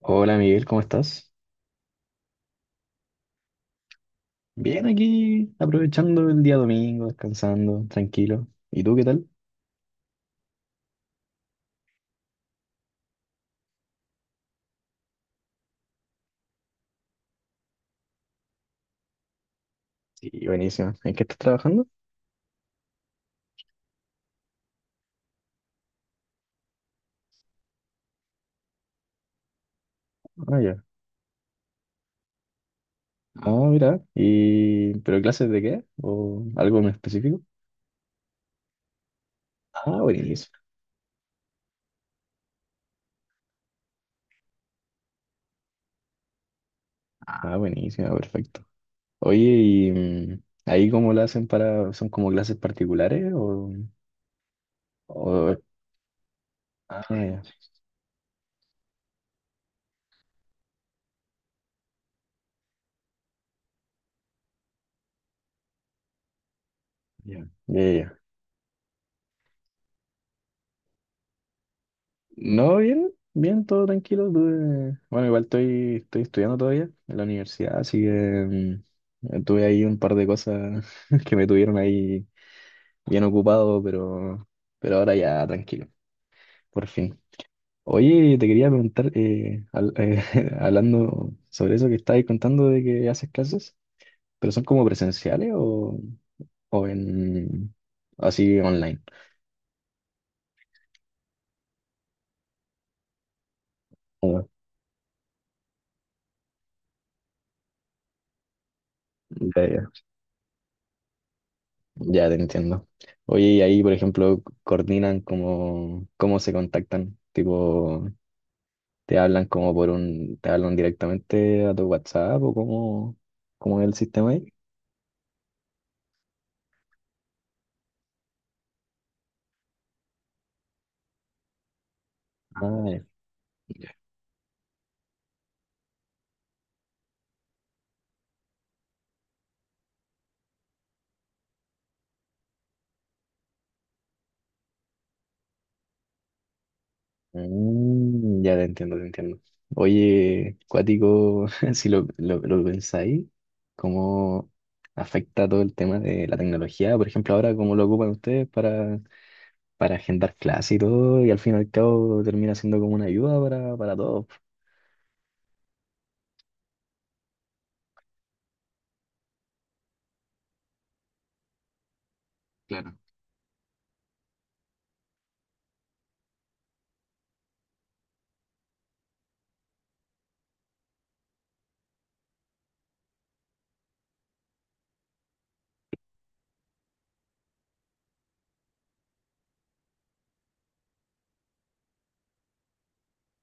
Hola Miguel, ¿cómo estás? Bien aquí, aprovechando el día domingo, descansando, tranquilo. ¿Y tú qué tal? Sí, buenísimo. ¿En qué estás trabajando? Ah, ya. Ah, mira. ¿Y pero clases de qué? ¿O algo en específico? Ah, buenísimo. Ah, buenísimo, perfecto. Oye, ¿y ahí cómo lo hacen para... ¿Son como clases particulares o...? o- Ah, ya. Ya, ya, ya. No, bien, bien, todo tranquilo. Bueno, igual estoy estudiando todavía en la universidad, así que tuve ahí un par de cosas que me tuvieron ahí bien ocupado, pero ahora ya tranquilo, por fin. Oye, te quería preguntar, hablando sobre eso que estabas contando de que haces clases, pero son como presenciales o en así online. Ah, ya, ya. Ya te entiendo. Oye, y ahí, por ejemplo, coordinan cómo, cómo se contactan. Tipo, te hablan como por un, te hablan directamente a tu WhatsApp o cómo, cómo es el sistema ahí. Ah, ya. Mm, ya te entiendo, te entiendo. Oye, cuático, si lo, lo pensáis, ¿cómo afecta todo el tema de la tecnología? Por ejemplo, ahora, ¿cómo lo ocupan ustedes para agendar clases y todo? Y al fin y al cabo termina siendo como una ayuda para todos. Claro.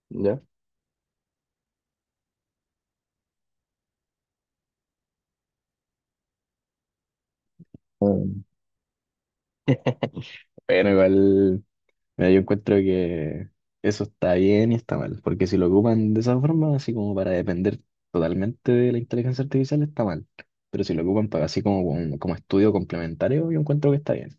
¿Ya? Mm. Bueno, igual, mira, yo encuentro que eso está bien y está mal, porque si lo ocupan de esa forma, así como para depender totalmente de la inteligencia artificial, está mal. Pero si lo ocupan para así como, como, como estudio complementario, yo encuentro que está bien.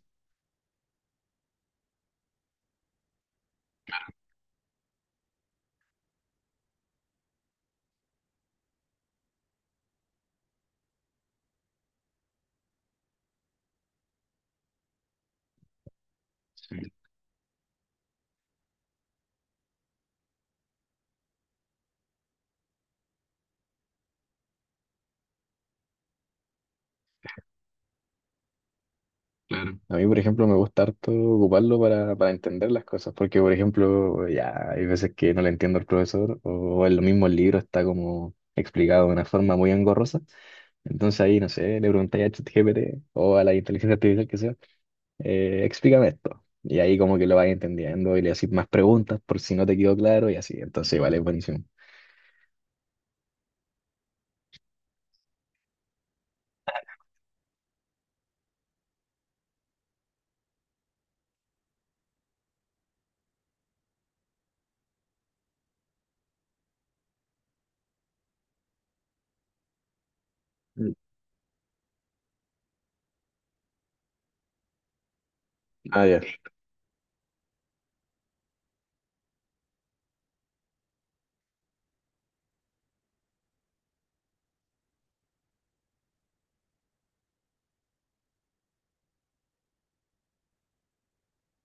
Claro. A mí, por ejemplo, me gusta harto ocuparlo para entender las cosas, porque, por ejemplo, ya hay veces que no le entiendo al profesor, o en lo mismo el libro está como explicado de una forma muy engorrosa. Entonces ahí, no sé, le preguntáis a ChatGPT o a la inteligencia artificial que sea explícame esto. Y ahí como que lo vas entendiendo y le haces más preguntas por si no te quedó claro y así. Entonces, vale, es buenísimo. Mm. Ah, ya,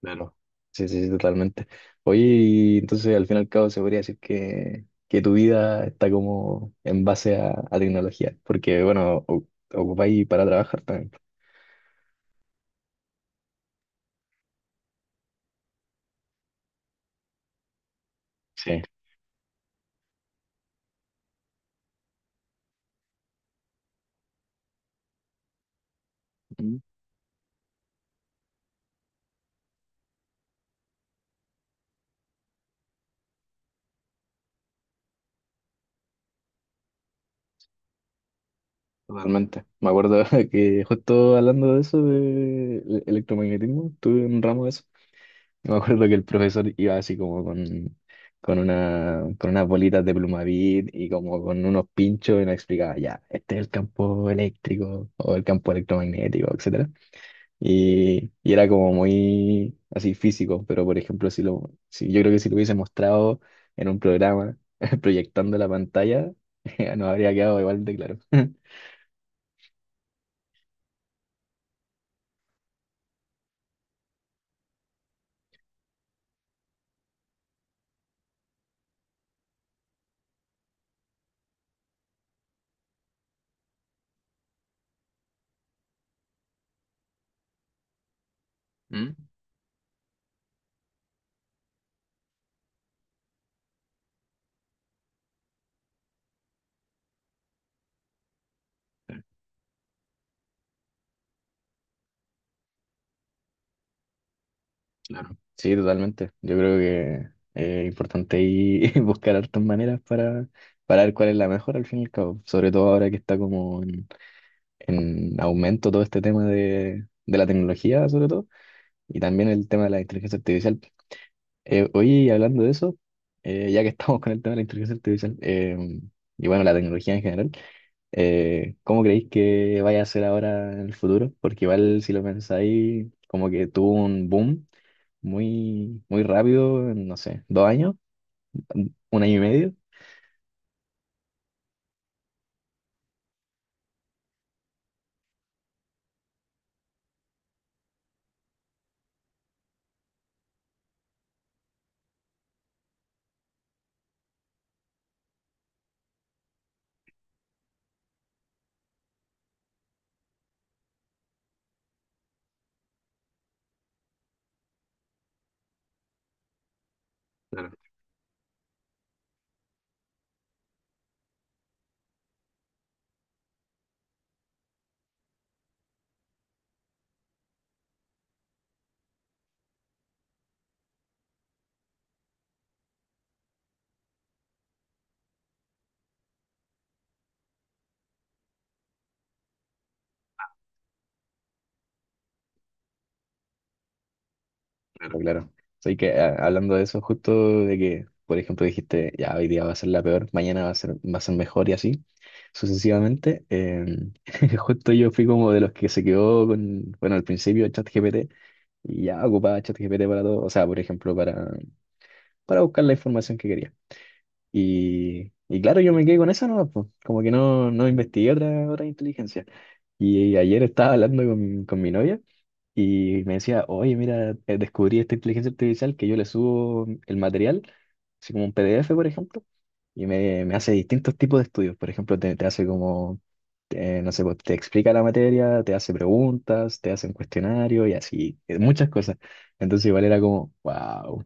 claro. Sí, sí, sí, totalmente. Oye, y entonces al fin y al cabo se podría decir que tu vida está como en base a tecnología, porque bueno, ocupáis para trabajar también. Sí. Mm. Totalmente. Me acuerdo que justo hablando de eso, de electromagnetismo, tuve un ramo de eso. Me acuerdo que el profesor iba así como con, una, con unas bolitas de Plumavit y como con unos pinchos y nos explicaba, ya, este es el campo eléctrico o el campo electromagnético, etcétera. Y era como muy así físico, pero por ejemplo, si lo, si, yo creo que si lo hubiese mostrado en un programa proyectando la pantalla, nos habría quedado igual de claro. ¿Mm? Claro. Sí, totalmente. Yo creo que es importante ahí buscar hartas maneras para ver cuál es la mejor al fin y al cabo. Sobre todo ahora que está como en aumento todo este tema de la tecnología, sobre todo, y también el tema de la inteligencia artificial. Oye, hablando de eso, ya que estamos con el tema de la inteligencia artificial, y bueno, la tecnología en general, ¿cómo creéis que vaya a ser ahora en el futuro? Porque igual si lo pensáis, como que tuvo un boom muy, muy rápido, en, no sé, dos años, un año y medio. Claro, claro. Pero claro, así que hablando de eso, justo de que, por ejemplo, dijiste, ya hoy día va a ser la peor, mañana va a ser mejor y así, sucesivamente, justo yo fui como de los que se quedó con, bueno, al principio ChatGPT y ya ocupaba ChatGPT para todo, o sea, por ejemplo, para buscar la información que quería. Y claro, yo me quedé con esa nomás, pues como que no, no investigué otra, otra inteligencia. Y ayer estaba hablando con mi novia y me decía, oye, mira, descubrí esta inteligencia artificial que yo le subo el material, así como un PDF, por ejemplo, y me hace distintos tipos de estudios. Por ejemplo, te hace como, no sé, pues, te explica la materia, te hace preguntas, te hace un cuestionario y así, muchas cosas. Entonces igual era como, wow.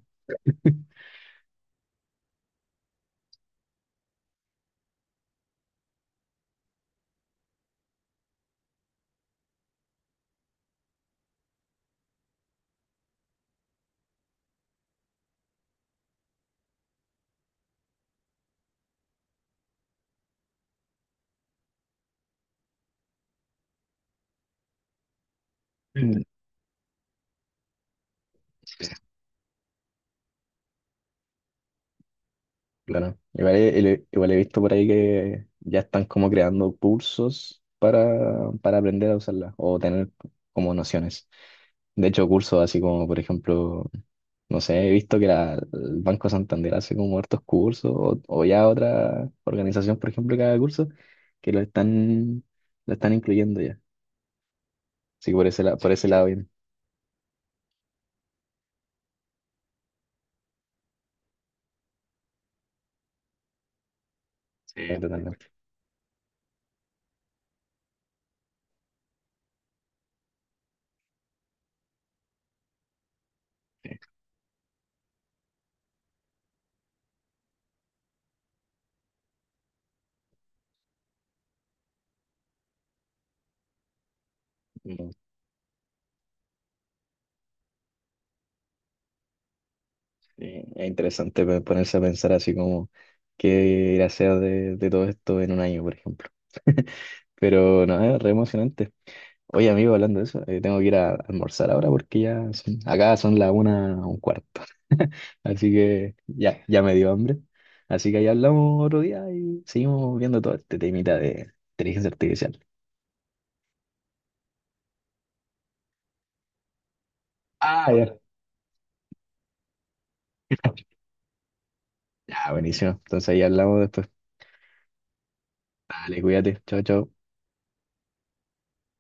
Claro. Igual he, igual he visto por ahí que ya están como creando cursos para aprender a usarla o tener como nociones. De hecho, cursos así como, por ejemplo, no sé, he visto que el Banco Santander hace como hartos cursos o ya otra organización, por ejemplo, que haga cursos que lo están incluyendo ya. Así que por ese, por sí, ese lado bien, sí. Bien, totalmente. Sí, es interesante ponerse a pensar así como qué irá a ser de todo esto en un año, por ejemplo. Pero no, es re emocionante. Oye, amigo, hablando de eso, tengo que ir a almorzar ahora porque ya acá son las una un cuarto. Así que ya, ya me dio hambre. Así que ahí hablamos otro día y seguimos viendo todo este temita de inteligencia artificial. Ah, ya. Ya, buenísimo. Entonces ahí hablamos después. Dale, cuídate. Chao, chao.